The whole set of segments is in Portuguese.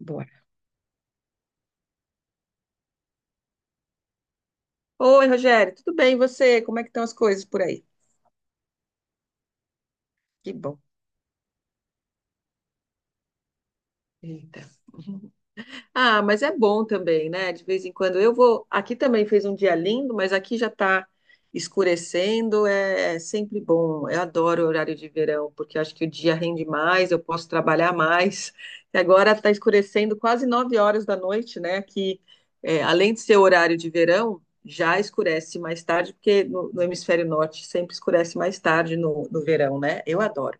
Bora. Oi, Rogério, tudo bem? E você? Como é que estão as coisas por aí? Que bom. Eita. Ah, mas é bom também, né? De vez em quando eu vou. Aqui também fez um dia lindo, mas aqui já está escurecendo. É sempre bom. Eu adoro o horário de verão, porque eu acho que o dia rende mais, eu posso trabalhar mais. E agora está escurecendo quase 9 horas da noite, né? Aqui, é, além de ser horário de verão, já escurece mais tarde, porque no hemisfério norte sempre escurece mais tarde no verão, né? Eu adoro.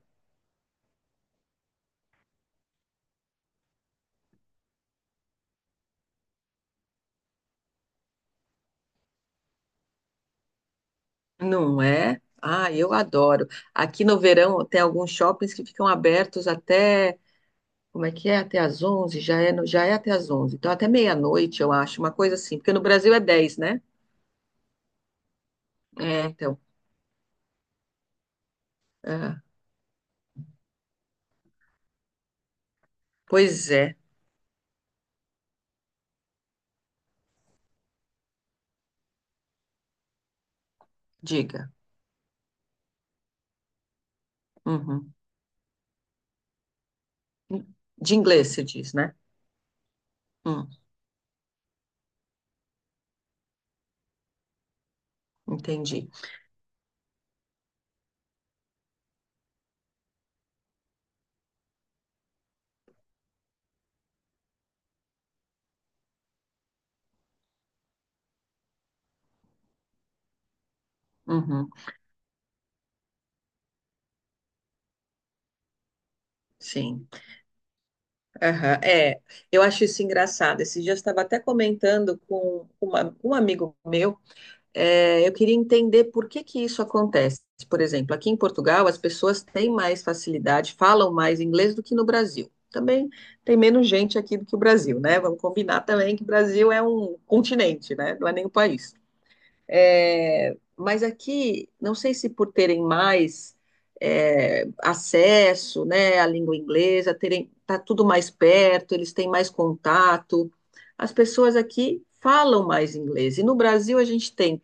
Não é? Ah, eu adoro. Aqui no verão tem alguns shoppings que ficam abertos até, como é que é? Até às 11h. Já é, no- já é até às 11h. Então até meia-noite, eu acho, uma coisa assim, porque no Brasil é 10h, né? É, então. É. Pois é, diga. Uhum. De inglês se diz, né? Hum, entendi. Uhum. Sim. Aham. É, eu acho isso engraçado. Esses dias eu estava até comentando com um amigo meu. É, eu queria entender por que que isso acontece. Por exemplo, aqui em Portugal, as pessoas têm mais facilidade, falam mais inglês do que no Brasil. Também tem menos gente aqui do que o Brasil, né? Vamos combinar também que o Brasil é um continente, né? Não é nem um país. É, mas aqui, não sei se por terem mais acesso, né, à língua inglesa, terem, tá tudo mais perto, eles têm mais contato. As pessoas aqui falam mais inglês. E no Brasil a gente tem,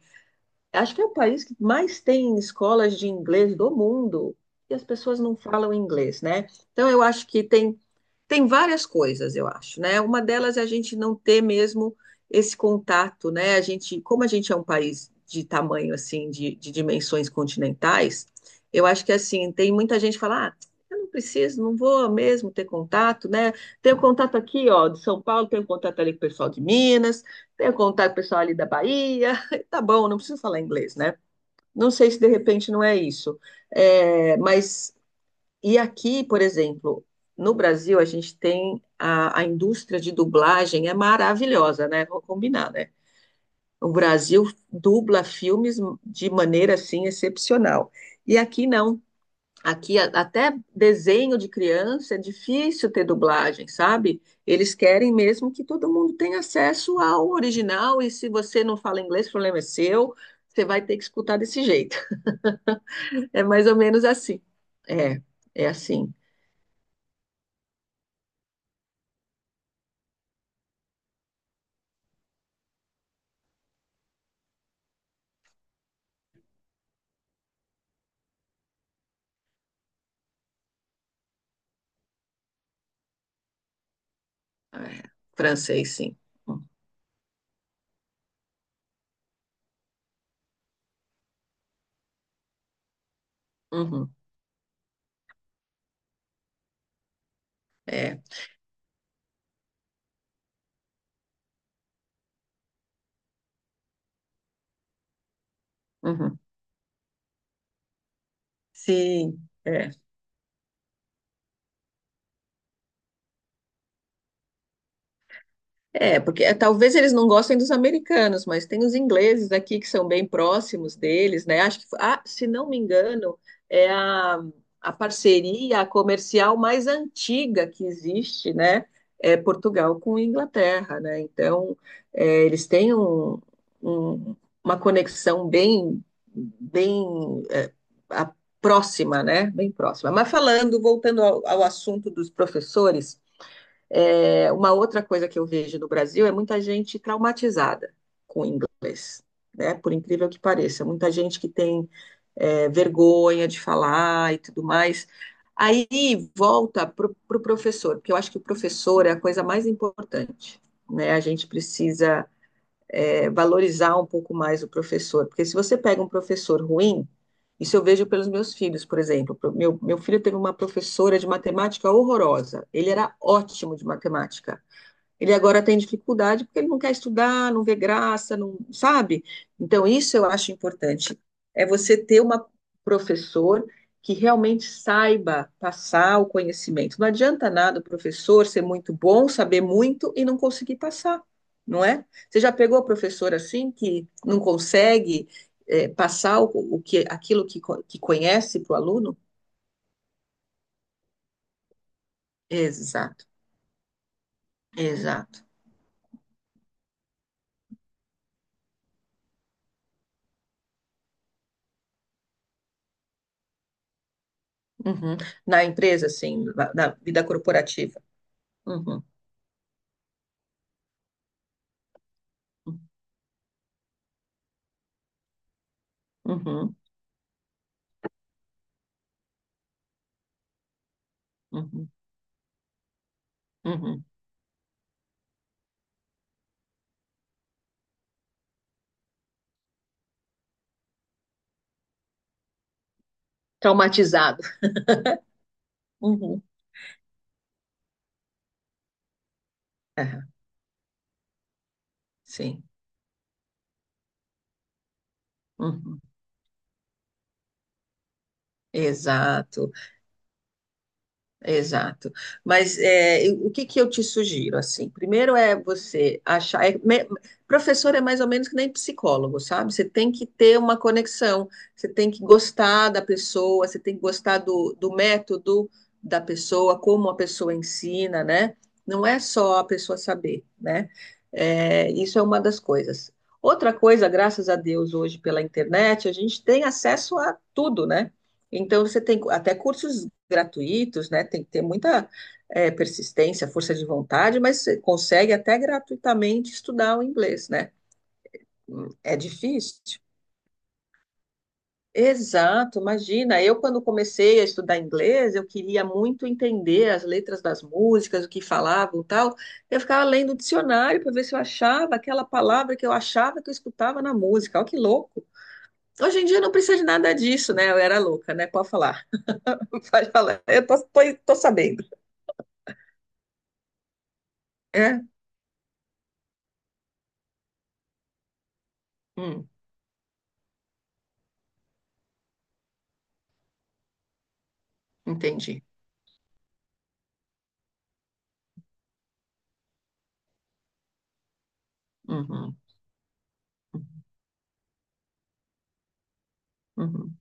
acho que é o país que mais tem escolas de inglês do mundo, e as pessoas não falam inglês, né? Então eu acho que tem, várias coisas, eu acho, né? Uma delas é a gente não ter mesmo esse contato, né? A gente, como a gente é um país de tamanho assim, de, dimensões continentais, eu acho que assim, tem muita gente que fala, ah, eu não preciso, não vou mesmo ter contato, né? Tenho contato aqui, ó, de São Paulo, tenho contato ali com o pessoal de Minas, tenho contato com o pessoal ali da Bahia, tá bom, não preciso falar inglês, né? Não sei se de repente não é isso, é, mas e aqui, por exemplo, no Brasil, a gente tem a indústria de dublagem é maravilhosa, né? Vou combinar, né? O Brasil dubla filmes de maneira assim excepcional. E aqui não. Até desenho de criança é difícil ter dublagem, sabe? Eles querem mesmo que todo mundo tenha acesso ao original, e se você não fala inglês, o problema é seu. Você vai ter que escutar desse jeito. É mais ou menos assim. É, é assim. É, francês, sim. Uhum, é. Uhum. Sim. É. É, porque é, talvez eles não gostem dos americanos, mas tem os ingleses aqui que são bem próximos deles, né? Acho que, ah, se não me engano, é a parceria comercial mais antiga que existe, né? É Portugal com Inglaterra, né? Então, é, eles têm um- uma conexão bem a- próxima, né? Bem próxima. Mas falando, voltando ao assunto dos professores. É, uma outra coisa que eu vejo no Brasil é muita gente traumatizada com o inglês, né? Por incrível que pareça, muita gente que tem vergonha de falar e tudo mais. Aí volta para o professor, porque eu acho que o professor é a coisa mais importante, né? A gente precisa valorizar um pouco mais o professor. Porque se você pega um professor ruim, isso eu vejo pelos meus filhos, por exemplo. Meu filho teve uma professora de matemática horrorosa. Ele era ótimo de matemática. Ele agora tem dificuldade porque ele não quer estudar, não vê graça, não sabe? Então, isso eu acho importante. É você ter uma, professor que realmente saiba passar o conhecimento. Não adianta nada o professor ser muito bom, saber muito e não conseguir passar, não é? Você já pegou o professor assim que não consegue passar o que, aquilo que, que conhece para o aluno? Exato, exato. Uhum. Na empresa, assim, na, vida corporativa. Uhum. Uhum, uhum, uhum. Traumatizado. Uhum. Aham. Sim. Uhum. Exato. Exato. Mas é, o que que eu te sugiro, assim? Primeiro é você achar... professor é mais ou menos que nem psicólogo, sabe? Você tem que ter uma conexão, você tem que gostar da pessoa, você tem que gostar do, método da pessoa, como a pessoa ensina, né? Não é só a pessoa saber, né? É, isso é uma das coisas. Outra coisa, graças a Deus, hoje pela internet, a gente tem acesso a tudo, né? Então, você tem até cursos gratuitos, né? Tem que ter muita persistência, força de vontade, mas você consegue até gratuitamente estudar o inglês, né? Hum. É difícil. Exato, imagina. Eu, quando comecei a estudar inglês, eu queria muito entender as letras das músicas, o que falavam e tal. Eu ficava lendo o dicionário para ver se eu achava aquela palavra que eu achava que eu escutava na música. Olha que louco. Hoje em dia não precisa de nada disso, né? Eu era louca, né? Pode falar. Pode falar. Eu tô sabendo. É. Hum. Entendi. Uhum, uhum,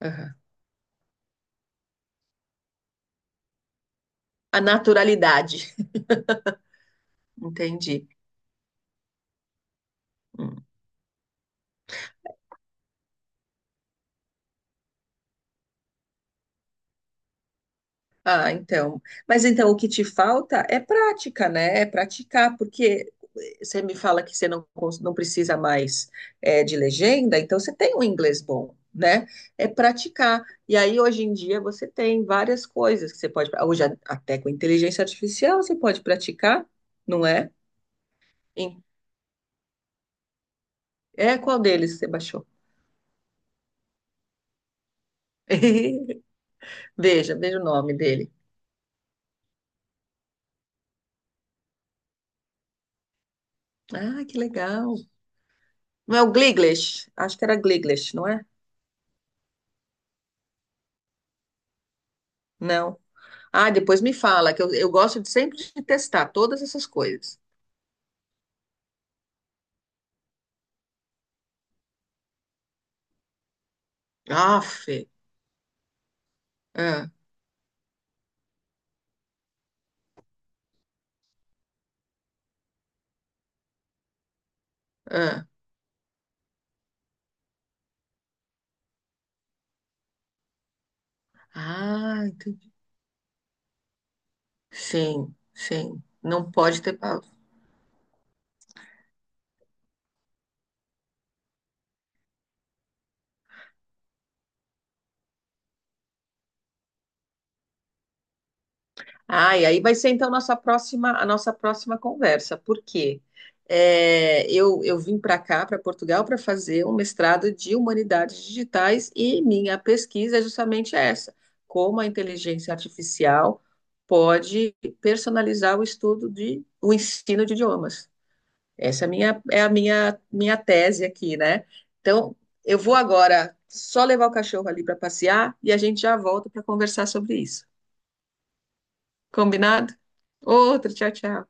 aham. A naturalidade, entendi. Hum. Ah, então. Mas então o que te falta é prática, né? É praticar, porque você me fala que você não precisa mais de legenda, então você tem um inglês bom, né? É praticar. E aí hoje em dia você tem várias coisas que você pode. Até com inteligência artificial você pode praticar, não é? Em- É qual deles você baixou? Veja, veja o nome dele. Ah, que legal. Não é o Gliglish? Acho que era Gliglish, não é? Não. Ah, depois me fala, que eu gosto de sempre de testar todas essas coisas. Aff. Ah, ah. Ah, entendi. Sim, sim. Não pode ter. Ah, e aí vai ser então nossa próxima, a nossa próxima conversa, porque eu vim para cá, para Portugal, para fazer um mestrado de humanidades digitais, e minha pesquisa é justamente essa: como a inteligência artificial pode personalizar o estudo de o ensino de idiomas. Essa é a minha tese aqui, né? Então, eu vou agora só levar o cachorro ali para passear e a gente já volta para conversar sobre isso. Combinado? Outro, tchau, tchau.